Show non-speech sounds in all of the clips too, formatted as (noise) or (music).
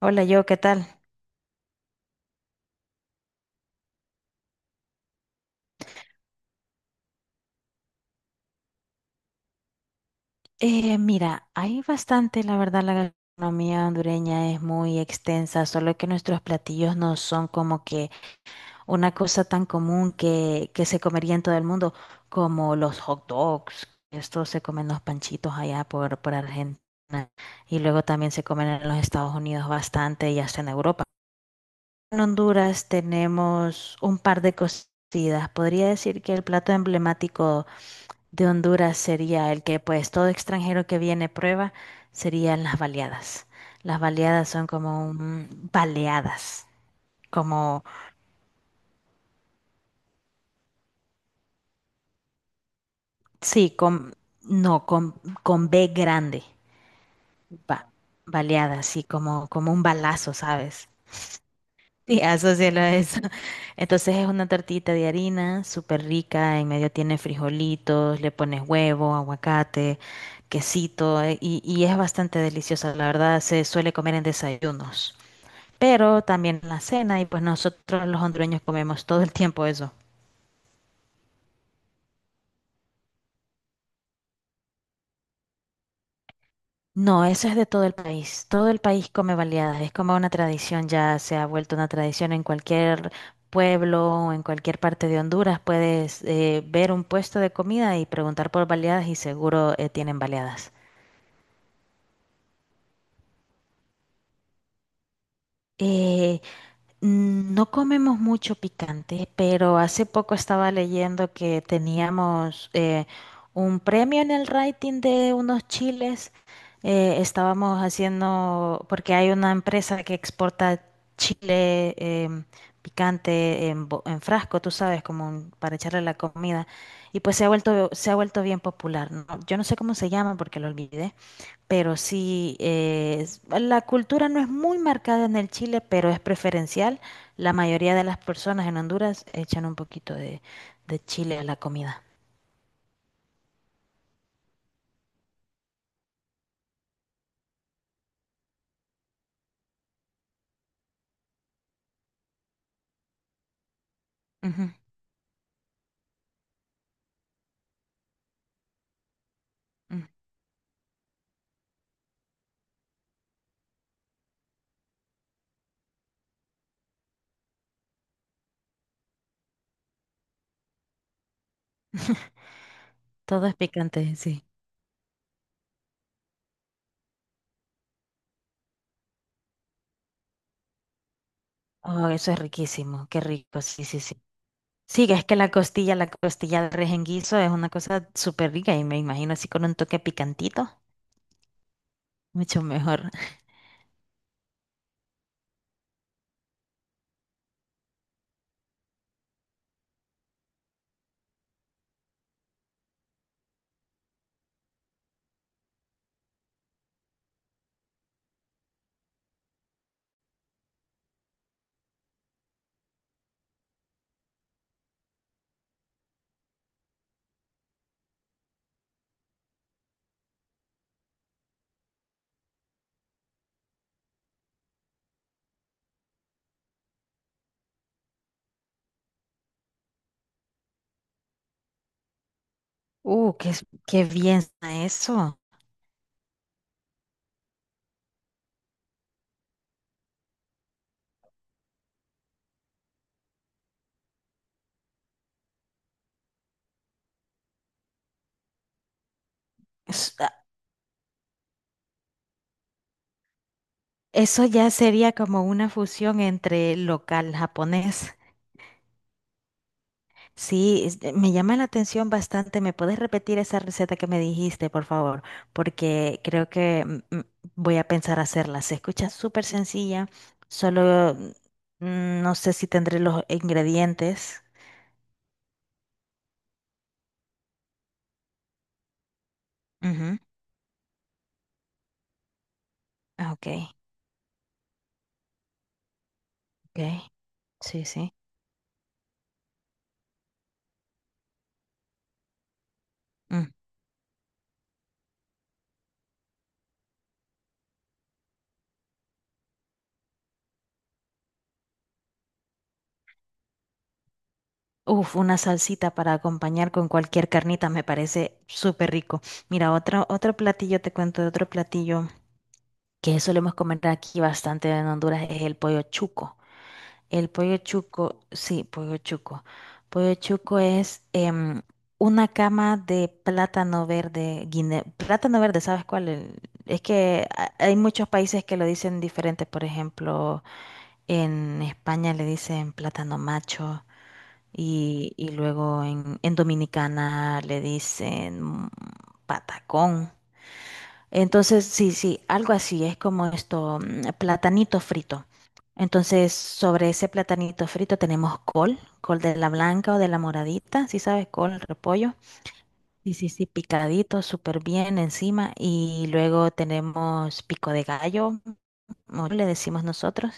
Hola, yo, ¿qué tal? Mira, hay bastante, la verdad, la gastronomía hondureña es muy extensa, solo que nuestros platillos no son como que una cosa tan común que se comería en todo el mundo, como los hot dogs. Esto se comen los panchitos allá por Argentina y luego también se comen en los Estados Unidos bastante y hasta en Europa. En Honduras tenemos un par de cocidas. Podría decir que el plato emblemático de Honduras sería el que pues todo extranjero que viene prueba serían las baleadas. Las baleadas son como un, baleadas, como sí, con no con con B grande, ba- baleadas, sí, como como un balazo, ¿sabes? Sí, asócialo a eso. (laughs) Entonces es una tortita de harina súper rica, en medio tiene frijolitos, le pones huevo, aguacate, quesito, y es bastante deliciosa, la verdad, se suele comer en desayunos, pero también la cena, y pues nosotros los hondureños comemos todo el tiempo eso. No, eso es de todo el país. Todo el país come baleadas. Es como una tradición, ya se ha vuelto una tradición en cualquier pueblo o en cualquier parte de Honduras. Puedes ver un puesto de comida y preguntar por baleadas y seguro tienen baleadas. Eh, Mm, no comemos mucho picante, pero hace poco estaba leyendo que teníamos un premio en el rating de unos chiles. Estábamos haciendo, porque hay una empresa que exporta chile em, picante en, en frasco, tú sabes, como para echarle a la comida. Y pues se ha vuelto bien popular, ¿no? Yo no sé cómo se llama porque lo olvidé, pero sí, la cultura no es muy marcada en el Chile, pero es preferencial. La mayoría de las personas en Honduras echan un poquito de chile a la comida. Ujú, ujú. (laughs) Todo es picante, sí. Oh, eso es riquísimo, qué rico, sí, sí, sí. Sí, es que la costilla de res en guiso es una cosa súper rica y me imagino así con un toque picantito, mucho mejor. (laughs) Uh, qué, qué bien suena eso. Eso ya sería como una fusión entre local japonés. Sí, me llama la atención bastante. ¿Me puedes repetir esa receta que me dijiste, por favor? Porque creo que voy a pensar hacerla. Se escucha súper sencilla, solo no sé si tendré los ingredientes. Ujú. Ah, ok, ok. Sí, sí. Mm. Uf, una salsita para acompañar con cualquier carnita me parece súper rico. Mira, otro, otro platillo, te cuento de otro platillo que solemos comer aquí bastante en Honduras: es el pollo chuco. El pollo chuco, sí, pollo chuco. Pollo chuco es una cama de plátano verde, plátano verde, ¿sabes cuál? Es que hay muchos países que lo dicen diferente. Por ejemplo, en España le dicen plátano macho y luego en Dominicana le dicen patacón. Entonces, sí, sí, algo así, es como esto, platanito frito. Entonces, sobre ese platanito frito tenemos col, col de la blanca o de la moradita, si sabes, col, repollo. Sí, sí, sí, picadito, súper bien encima. Y luego tenemos pico de gallo, como le decimos nosotros,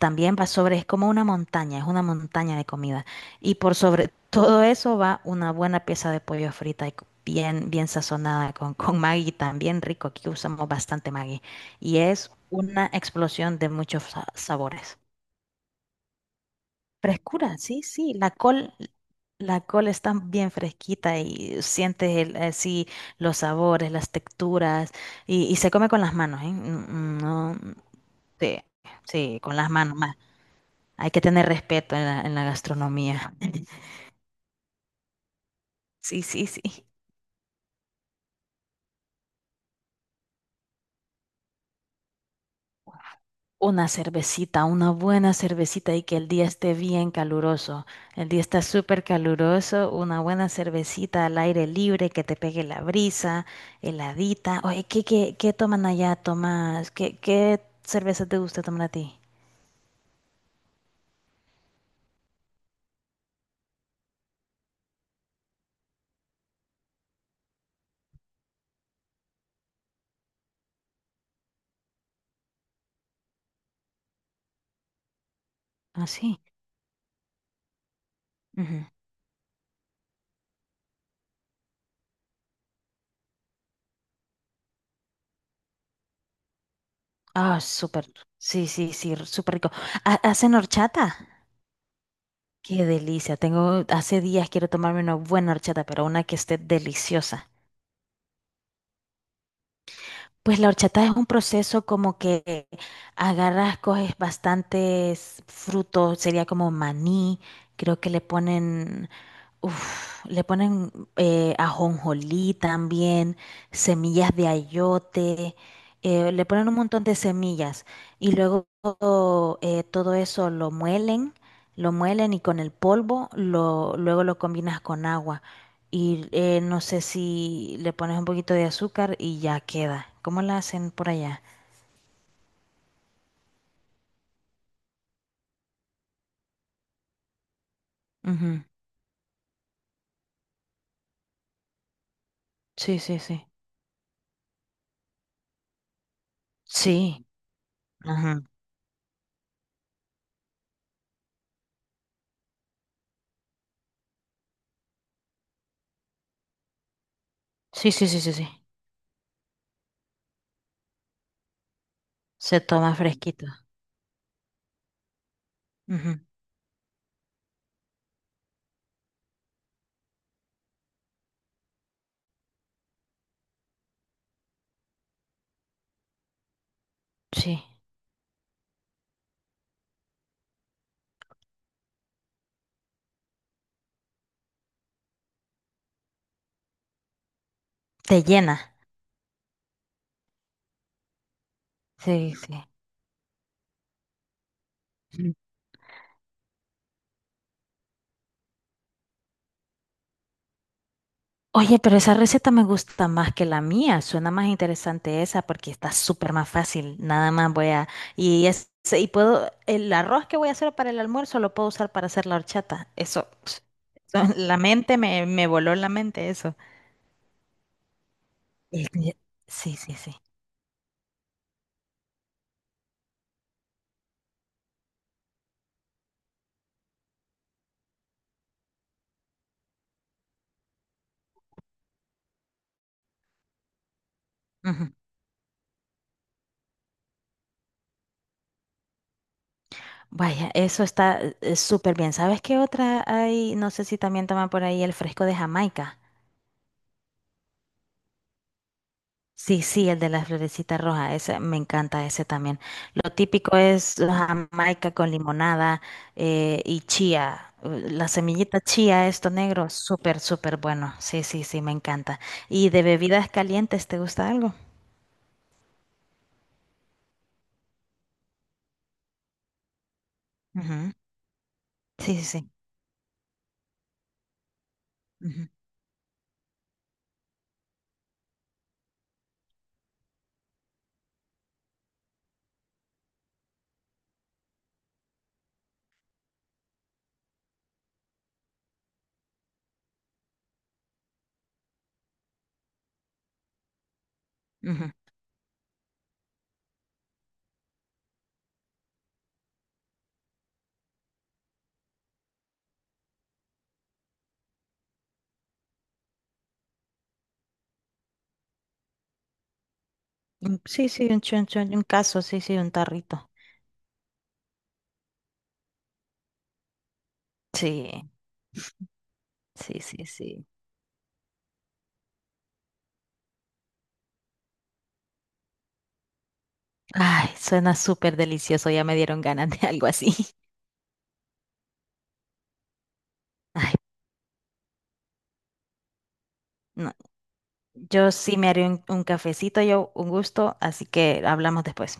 también va sobre, es como una montaña, es una montaña de comida. Y por sobre todo eso va una buena pieza de pollo frita y bien, bien sazonada con Maggi, también rico. Aquí usamos bastante Maggi. Y es una explosión de muchos sabores. Frescura, sí, sí. La col está bien fresquita y sientes el, así los sabores, las texturas. Y se come con las manos, ¿eh? No, sí, sí, con las manos. Hay que tener respeto en la gastronomía. (laughs) Sí, sí, sí. Una cervecita, una buena cervecita y que el día esté bien caluroso. El día está súper caluroso, una buena cervecita al aire libre, que te pegue la brisa, heladita. Oye, ¿qué, qué, qué toman allá, Tomás? ¿Qué, qué cerveza te gusta tomar a ti? Ah, sí. Ujú. Ah, súper. Sí, sí, sí, súper rico. ¿Ha- ¿Hacen horchata? Qué delicia. Tengo, hace días quiero tomarme una buena horchata, pero una que esté deliciosa. Pues la horchata es un proceso como que agarras, coges bastantes frutos, sería como maní, creo que le ponen, uf, le ponen ajonjolí también, semillas de ayote, le ponen un montón de semillas, y luego todo eso lo muelen, lo muelen, y con el polvo lo, luego lo combinas con agua y no sé si le pones un poquito de azúcar y ya queda. ¿Cómo la hacen por allá? Ujú. Sí, sí, sí. Sí. Ajá. Sí, sí, sí, sí, sí. Se toma fresquito. Ujú. Sí. Te llena. Sí, sí. Mm. Oye, pero esa receta me gusta más que la mía. Suena más interesante esa porque está súper más fácil. Nada más voy a... Y, es, y puedo... El arroz que voy a hacer para el almuerzo lo puedo usar para hacer la horchata. Eso... pf, eso- (laughs) la mente me, me voló la mente eso. Eh, eh, Sí, sí, sí. Ujú. Vaya, eso está súper bien. ¿Sabes qué otra hay? No sé si también toman por ahí el fresco de Jamaica. Sí, sí, el de las florecitas rojas, ese me encanta ese también. Lo típico es la jamaica con limonada y chía. La semillita chía, esto negro, súper, súper bueno. Sí, sí, sí, me encanta. ¿Y de bebidas calientes, te gusta algo? Ujú, sí, sí, sí. Ujú, ujú. Sí, sí, un chun chun, un caso, sí, sí, un tarrito. Sí, sí, sí, sí. Ay, suena súper delicioso, ya me dieron ganas de algo así. (laughs) Ay, no. Yo sí me haré un cafecito, yo un gusto, así que hablamos después.